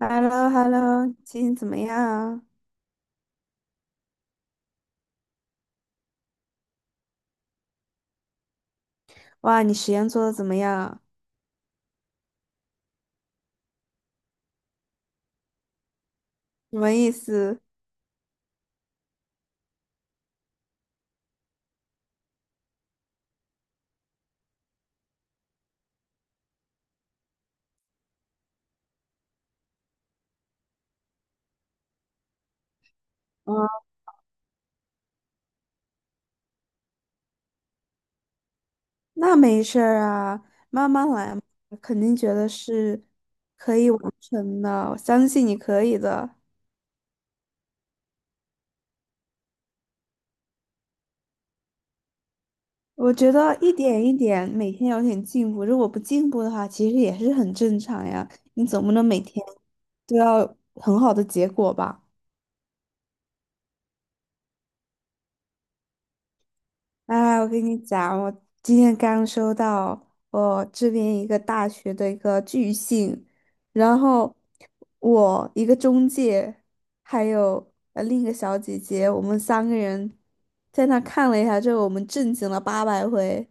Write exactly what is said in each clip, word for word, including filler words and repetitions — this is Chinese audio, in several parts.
h e l l o h e l l o 最近怎么样啊？哇，你实验做的怎么样？什么意思？啊，那没事儿啊，慢慢来嘛，肯定觉得是可以完成的，我相信你可以的。我觉得一点一点，每天有点进步，如果不进步的话，其实也是很正常呀。你总不能每天都要很好的结果吧？哎，我跟你讲，我今天刚收到我这边一个大学的一个拒信，然后我一个中介，还有呃另一个小姐姐，我们三个人在那看了一下之后，我们震惊了八百回。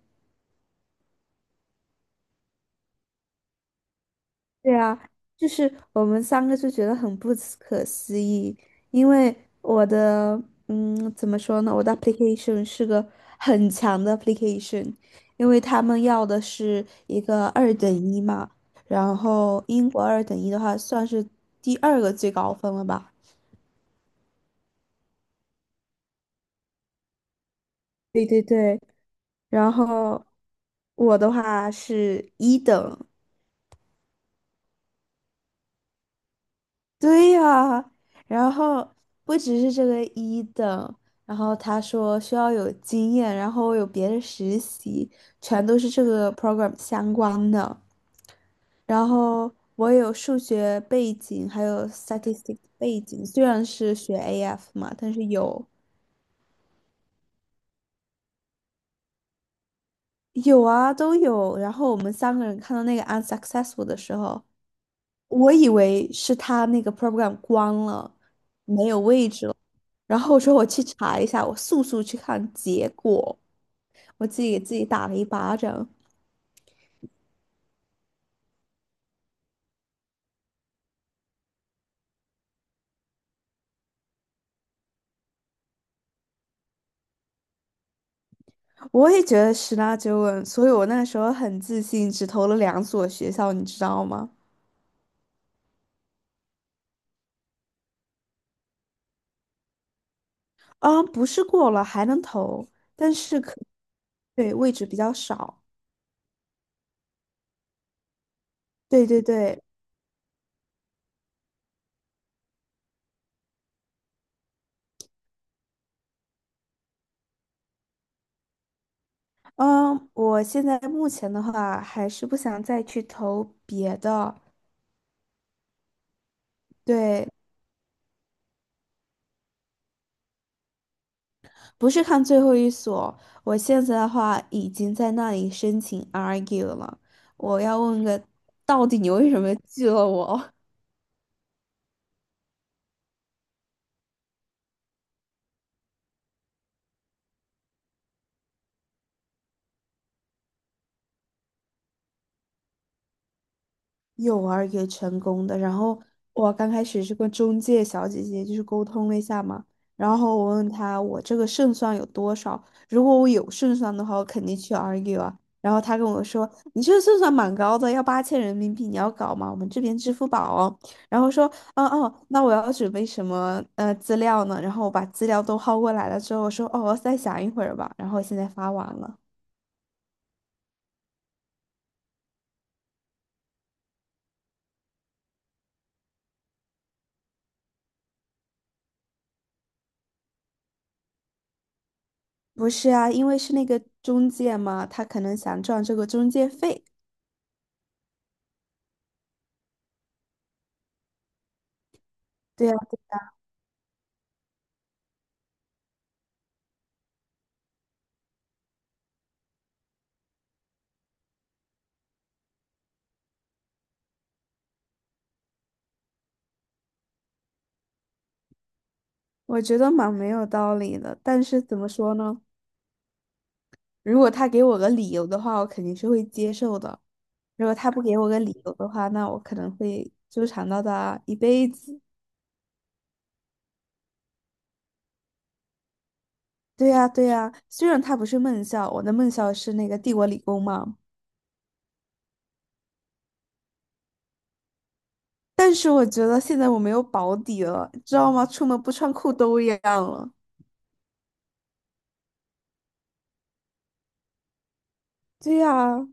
对啊，就是我们三个就觉得很不可思议，因为我的，嗯，怎么说呢？我的 application 是个很强的 application，因为他们要的是一个二等一嘛，然后英国二等一的话算是第二个最高分了吧？对对对，然后我的话是一等，对呀，然后不只是这个一等，然后他说需要有经验，然后有别的实习，全都是这个 program 相关的。然后我有数学背景，还有 statistics 背景，虽然是学 A F 嘛，但是有有啊都有。然后我们三个人看到那个 unsuccessful 的时候，我以为是他那个 program 关了，没有位置了。然后我说我去查一下，我速速去看结果，我自己给自己打了一巴掌。我也觉得十拿九稳，所以我那时候很自信，只投了两所学校，你知道吗？啊，不是过了还能投，但是可对位置比较少。对对对，嗯，我现在目前的话还是不想再去投别的，对，不是看最后一所，我现在的话已经在那里申请 argue 了。我要问个，到底你为什么拒了我？有玩也成功的。然后我刚开始是跟中介小姐姐就是沟通了一下嘛，然后我问她我这个胜算有多少，如果我有胜算的话，我肯定去 argue 啊。然后她跟我说，你这个胜算蛮高的，要八千人民币，你要搞吗？我们这边支付宝哦。然后说，哦哦，那我要准备什么呃资料呢？然后我把资料都薅过来了之后，我说，哦，我再想一会儿吧。然后现在发完了。不是啊，因为是那个中介嘛，他可能想赚这个中介费。对呀，我觉得蛮没有道理的，但是怎么说呢？如果他给我个理由的话，我肯定是会接受的；如果他不给我个理由的话，那我可能会纠缠到他一辈子。对呀，对呀，虽然他不是梦校，我的梦校是那个帝国理工嘛，但是我觉得现在我没有保底了，知道吗？出门不穿裤兜一样了。对呀，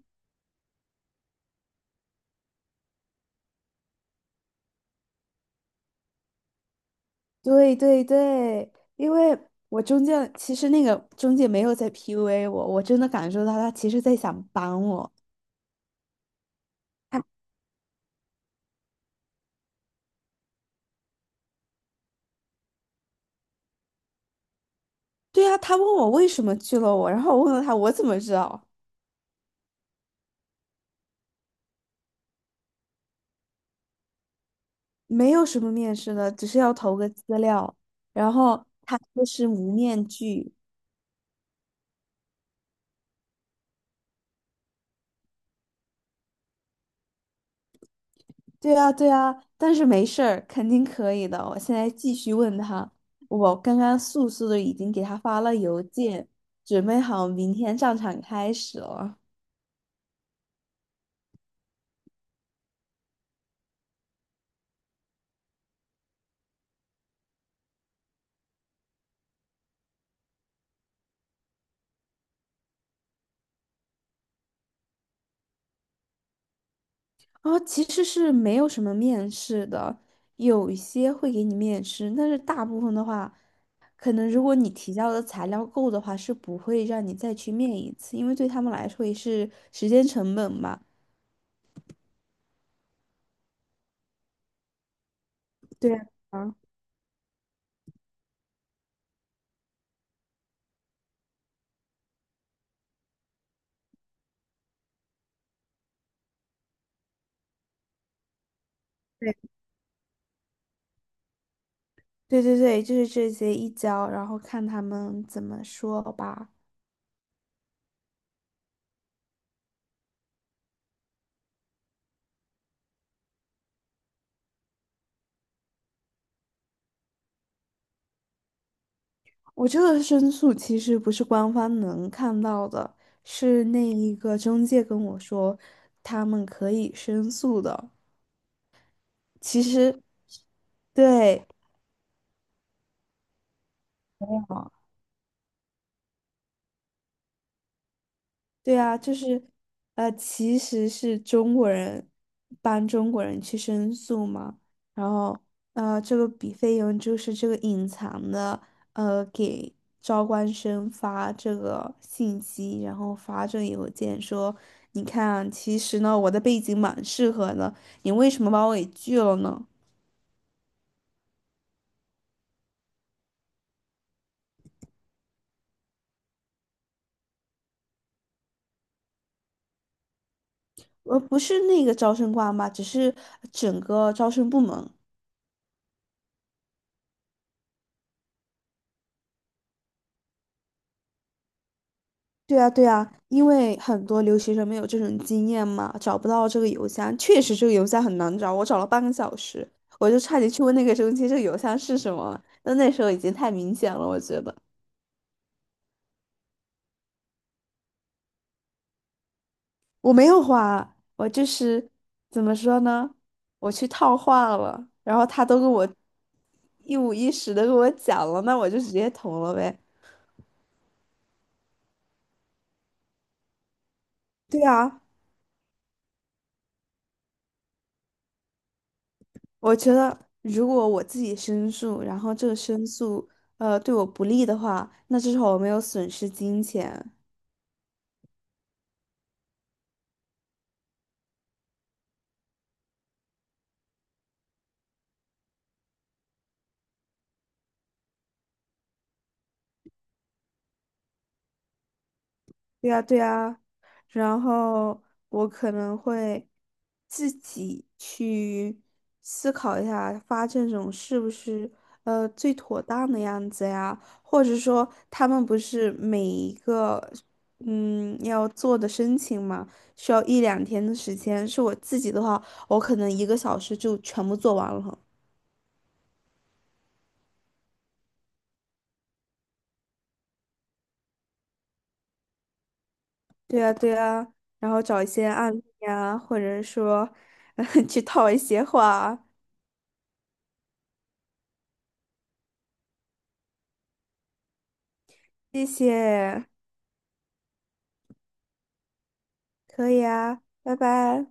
对对对，因为我中介其实那个中介没有在 P U A 我，我真的感受到他其实在想帮我。他对啊，他问我为什么拒了我，然后我问了他我怎么知道，没有什么面试的，只是要投个资料，然后他说是无面拒，对啊对啊，但是没事儿，肯定可以的。我现在继续问他，我刚刚速速的已经给他发了邮件，准备好明天上场开始了。哦，其实是没有什么面试的，有一些会给你面试，但是大部分的话。可能如果你提交的材料够的话，是不会让你再去面一次，因为对他们来说也是时间成本嘛。对啊，对对对对，就是这些一交，然后看他们怎么说吧。我这个申诉其实不是官方能看到的，是那一个中介跟我说，他们可以申诉的。其实，对。对啊，就是，呃，其实是中国人帮中国人去申诉嘛，然后，呃，这个笔费用就是这个隐藏的，呃，给招官生发这个信息，然后发这个邮件说，你看啊，其实呢，我的背景蛮适合的，你为什么把我给拒了呢？呃，不是那个招生官吧，只是整个招生部门。对啊，对啊，因为很多留学生没有这种经验嘛，找不到这个邮箱，确实这个邮箱很难找，我找了半个小时，我就差点去问那个中介这个邮箱是什么，但那时候已经太明显了，我觉得我没有花，我就是怎么说呢，我去套话了，然后他都跟我一五一十的跟我讲了，那我就直接投了呗。对啊，我觉得，如果我自己申诉，然后这个申诉呃对我不利的话，那至少我没有损失金钱。对呀，对呀，然后我可能会自己去思考一下，发这种是不是呃最妥当的样子呀？或者说，他们不是每一个嗯要做的申请嘛，需要一两天的时间。是我自己的话，我可能一个小时就全部做完了。对呀，对呀，然后找一些案例呀，或者说 去套一些话，谢谢。可以啊，拜拜。